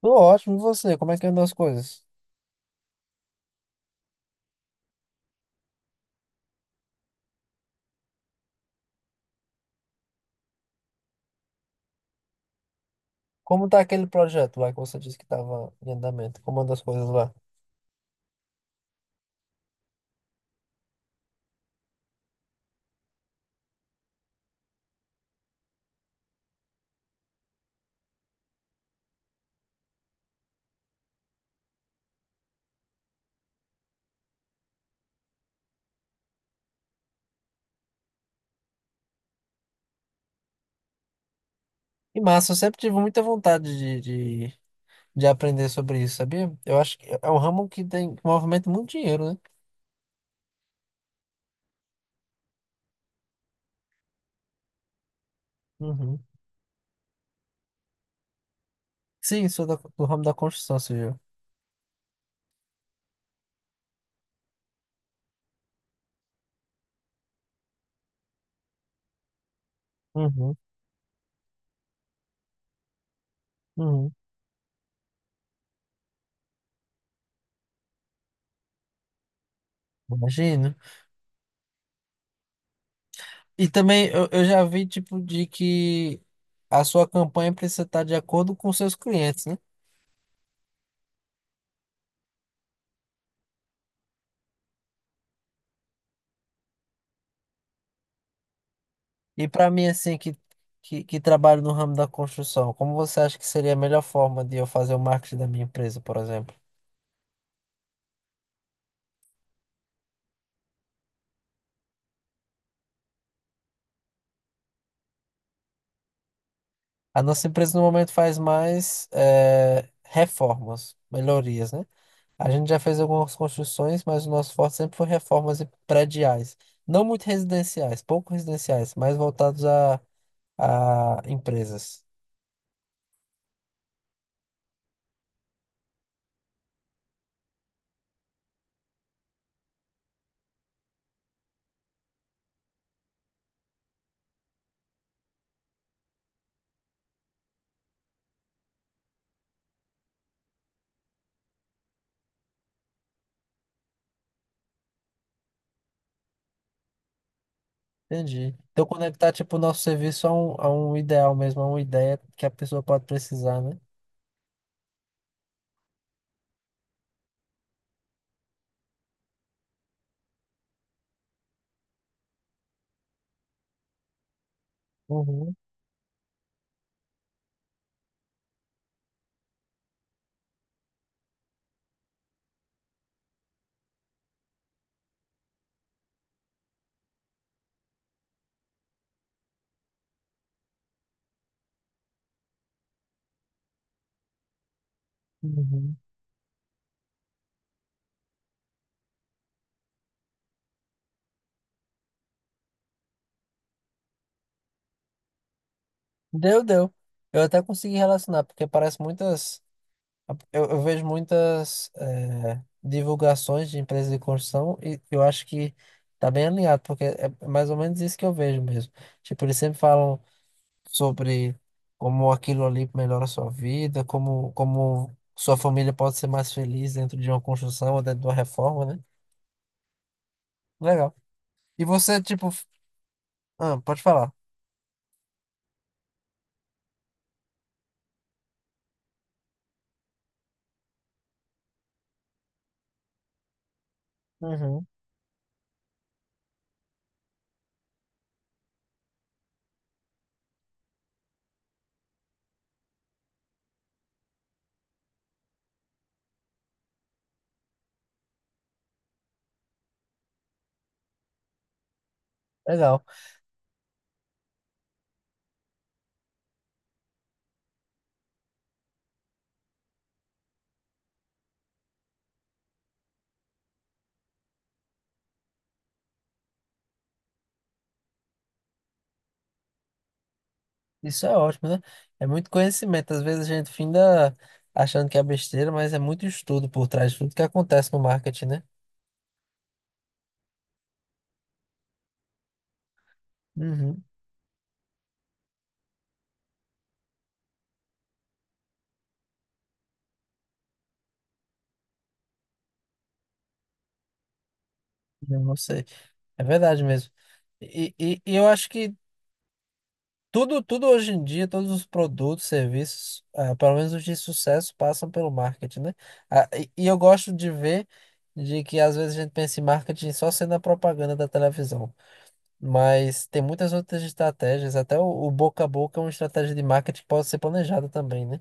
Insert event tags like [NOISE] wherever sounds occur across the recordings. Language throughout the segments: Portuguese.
Tô ótimo, e você? Como é que andam as coisas? Como tá aquele projeto lá que você disse que tava em andamento? Como andam as coisas lá? E massa, eu sempre tive muita vontade de aprender sobre isso, sabia? Eu acho que é um ramo que tem, que movimenta muito dinheiro, né? Uhum. Sim, sou do ramo da construção civil. Uhum, uhum. Imagino. E também eu já vi, tipo, de que a sua campanha precisa estar de acordo com seus clientes, né? E para mim, assim, que trabalho no ramo da construção, como você acha que seria a melhor forma de eu fazer o marketing da minha empresa, por exemplo? A nossa empresa no momento faz mais reformas, melhorias, né? A gente já fez algumas construções, mas o nosso forte sempre foi reformas e prediais. Não muito residenciais, pouco residenciais, mas voltados a empresas. Entendi. Então conectar, tipo, o nosso serviço a um ideal mesmo, a uma ideia que a pessoa pode precisar, né? Uhum, uhum. Deu, deu. Eu até consegui relacionar, porque parece muitas. Eu vejo muitas divulgações de empresas de construção e eu acho que tá bem alinhado, porque é mais ou menos isso que eu vejo mesmo. Tipo, eles sempre falam sobre como aquilo ali melhora a sua vida, como sua família pode ser mais feliz dentro de uma construção ou dentro de uma reforma, né? Legal. E você, tipo. Ah, pode falar. Uhum. Legal. Isso é ótimo, né? É muito conhecimento. Às vezes a gente finda achando que é besteira, mas é muito estudo por trás de tudo que acontece no marketing, né? Uhum, eu não sei. É verdade mesmo. E eu acho que tudo hoje em dia, todos os produtos, serviços, ah, pelo menos os de sucesso, passam pelo marketing, né? Ah, e eu gosto de ver de que às vezes a gente pensa em marketing só sendo a propaganda da televisão. Mas tem muitas outras estratégias, até o boca a boca é uma estratégia de marketing que pode ser planejada também, né?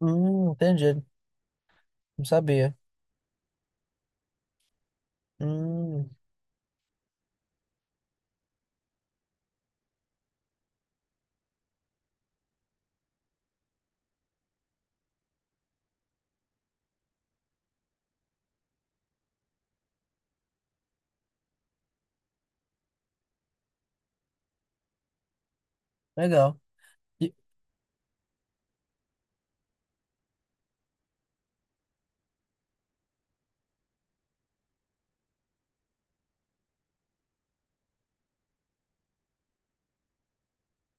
Entendi. Não sabia. Hum, legal. E-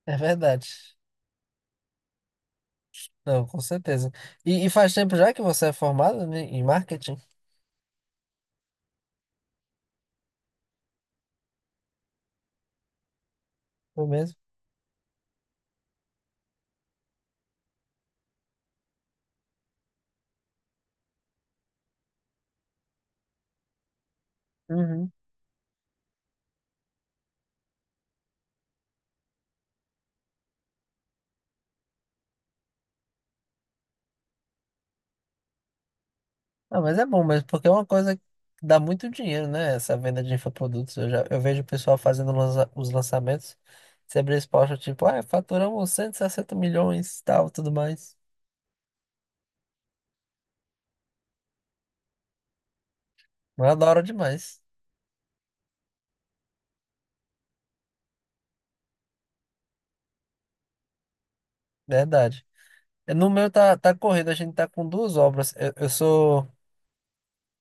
É verdade. Não, com certeza. E faz tempo já que você é formado, né, em marketing? Foi mesmo? Uhum. Ah, mas é bom mesmo, porque é uma coisa que dá muito dinheiro, né? Essa venda de infoprodutos. Eu vejo o pessoal fazendo os lançamentos. Você abre esse post, tipo, ah, faturamos 160 milhões, tal, tudo mais. Mas é da hora demais. Verdade. No meu tá, tá corrido, a gente tá com duas obras. Eu sou.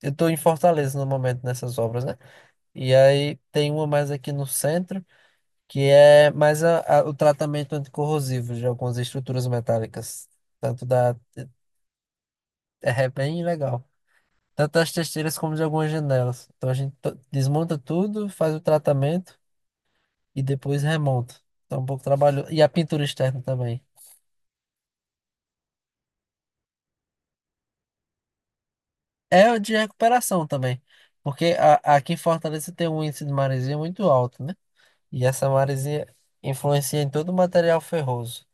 Eu estou em Fortaleza no momento nessas obras, né? E aí tem uma mais aqui no centro, que é mais o tratamento anticorrosivo de algumas estruturas metálicas. Tanto da. É bem legal. Tanto das testeiras como de algumas janelas. Então a gente desmonta tudo, faz o tratamento e depois remonta. Então é um pouco trabalho. E a pintura externa também. É de recuperação também. Porque aqui em Fortaleza tem um índice de maresia muito alto, né? E essa maresia influencia em todo o material ferroso.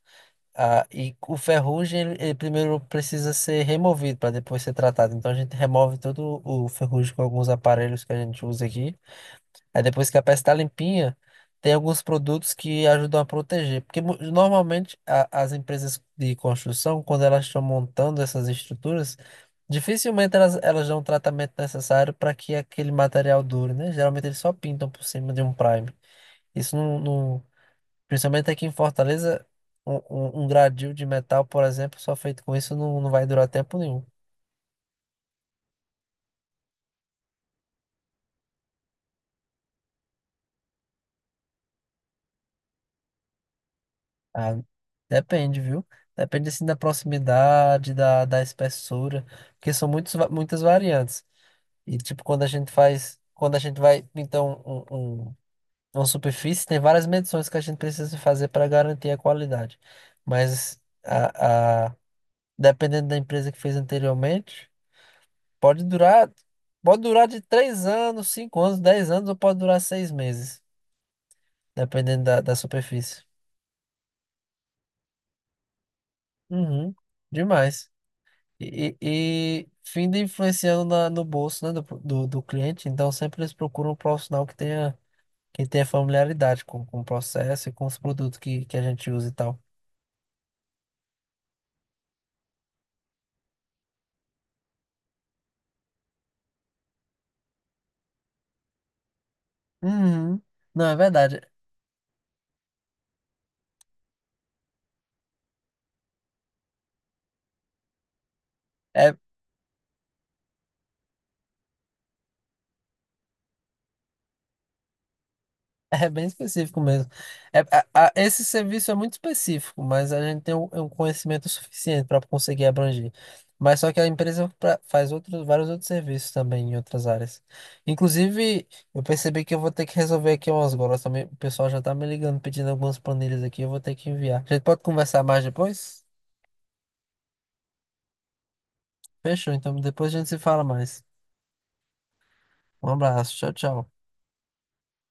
Ah, e o ferrugem, ele primeiro precisa ser removido para depois ser tratado. Então a gente remove todo o ferrugem com alguns aparelhos que a gente usa aqui. Aí depois que a peça está limpinha, tem alguns produtos que ajudam a proteger. Porque normalmente as empresas de construção, quando elas estão montando essas estruturas, dificilmente elas dão o tratamento necessário para que aquele material dure, né? Geralmente eles só pintam por cima de um prime. Isso não, não. Principalmente aqui em Fortaleza, um gradil de metal, por exemplo, só feito com isso não, não vai durar tempo nenhum. Ah, depende, viu? Depende assim da proximidade, da espessura, porque são muitas variantes. E tipo, quando a gente vai pintar um- uma superfície, tem várias medições que a gente precisa fazer para garantir a qualidade. Mas dependendo da empresa que fez anteriormente. Pode durar, pode durar de 3 anos, 5 anos, 10 anos ou pode durar 6 meses, dependendo da superfície. Uhum, demais. E, e, e finda influenciando no bolso, né, do cliente, então sempre eles procuram um profissional que tenha familiaridade com o processo e com os produtos que a gente usa e tal. Uhum. Não, é verdade. É. [LAUGHS] É bem específico mesmo. É, esse serviço é muito específico, mas a gente tem um, é um conhecimento suficiente para conseguir abranger. Mas só que a empresa faz outros, vários outros serviços também em outras áreas. Inclusive, eu percebi que eu vou ter que resolver aqui umas golas também. O pessoal já tá me ligando, pedindo algumas planilhas aqui, eu vou ter que enviar. A gente pode conversar mais depois? Fechou, então depois a gente se fala mais. Um abraço, tchau, tchau.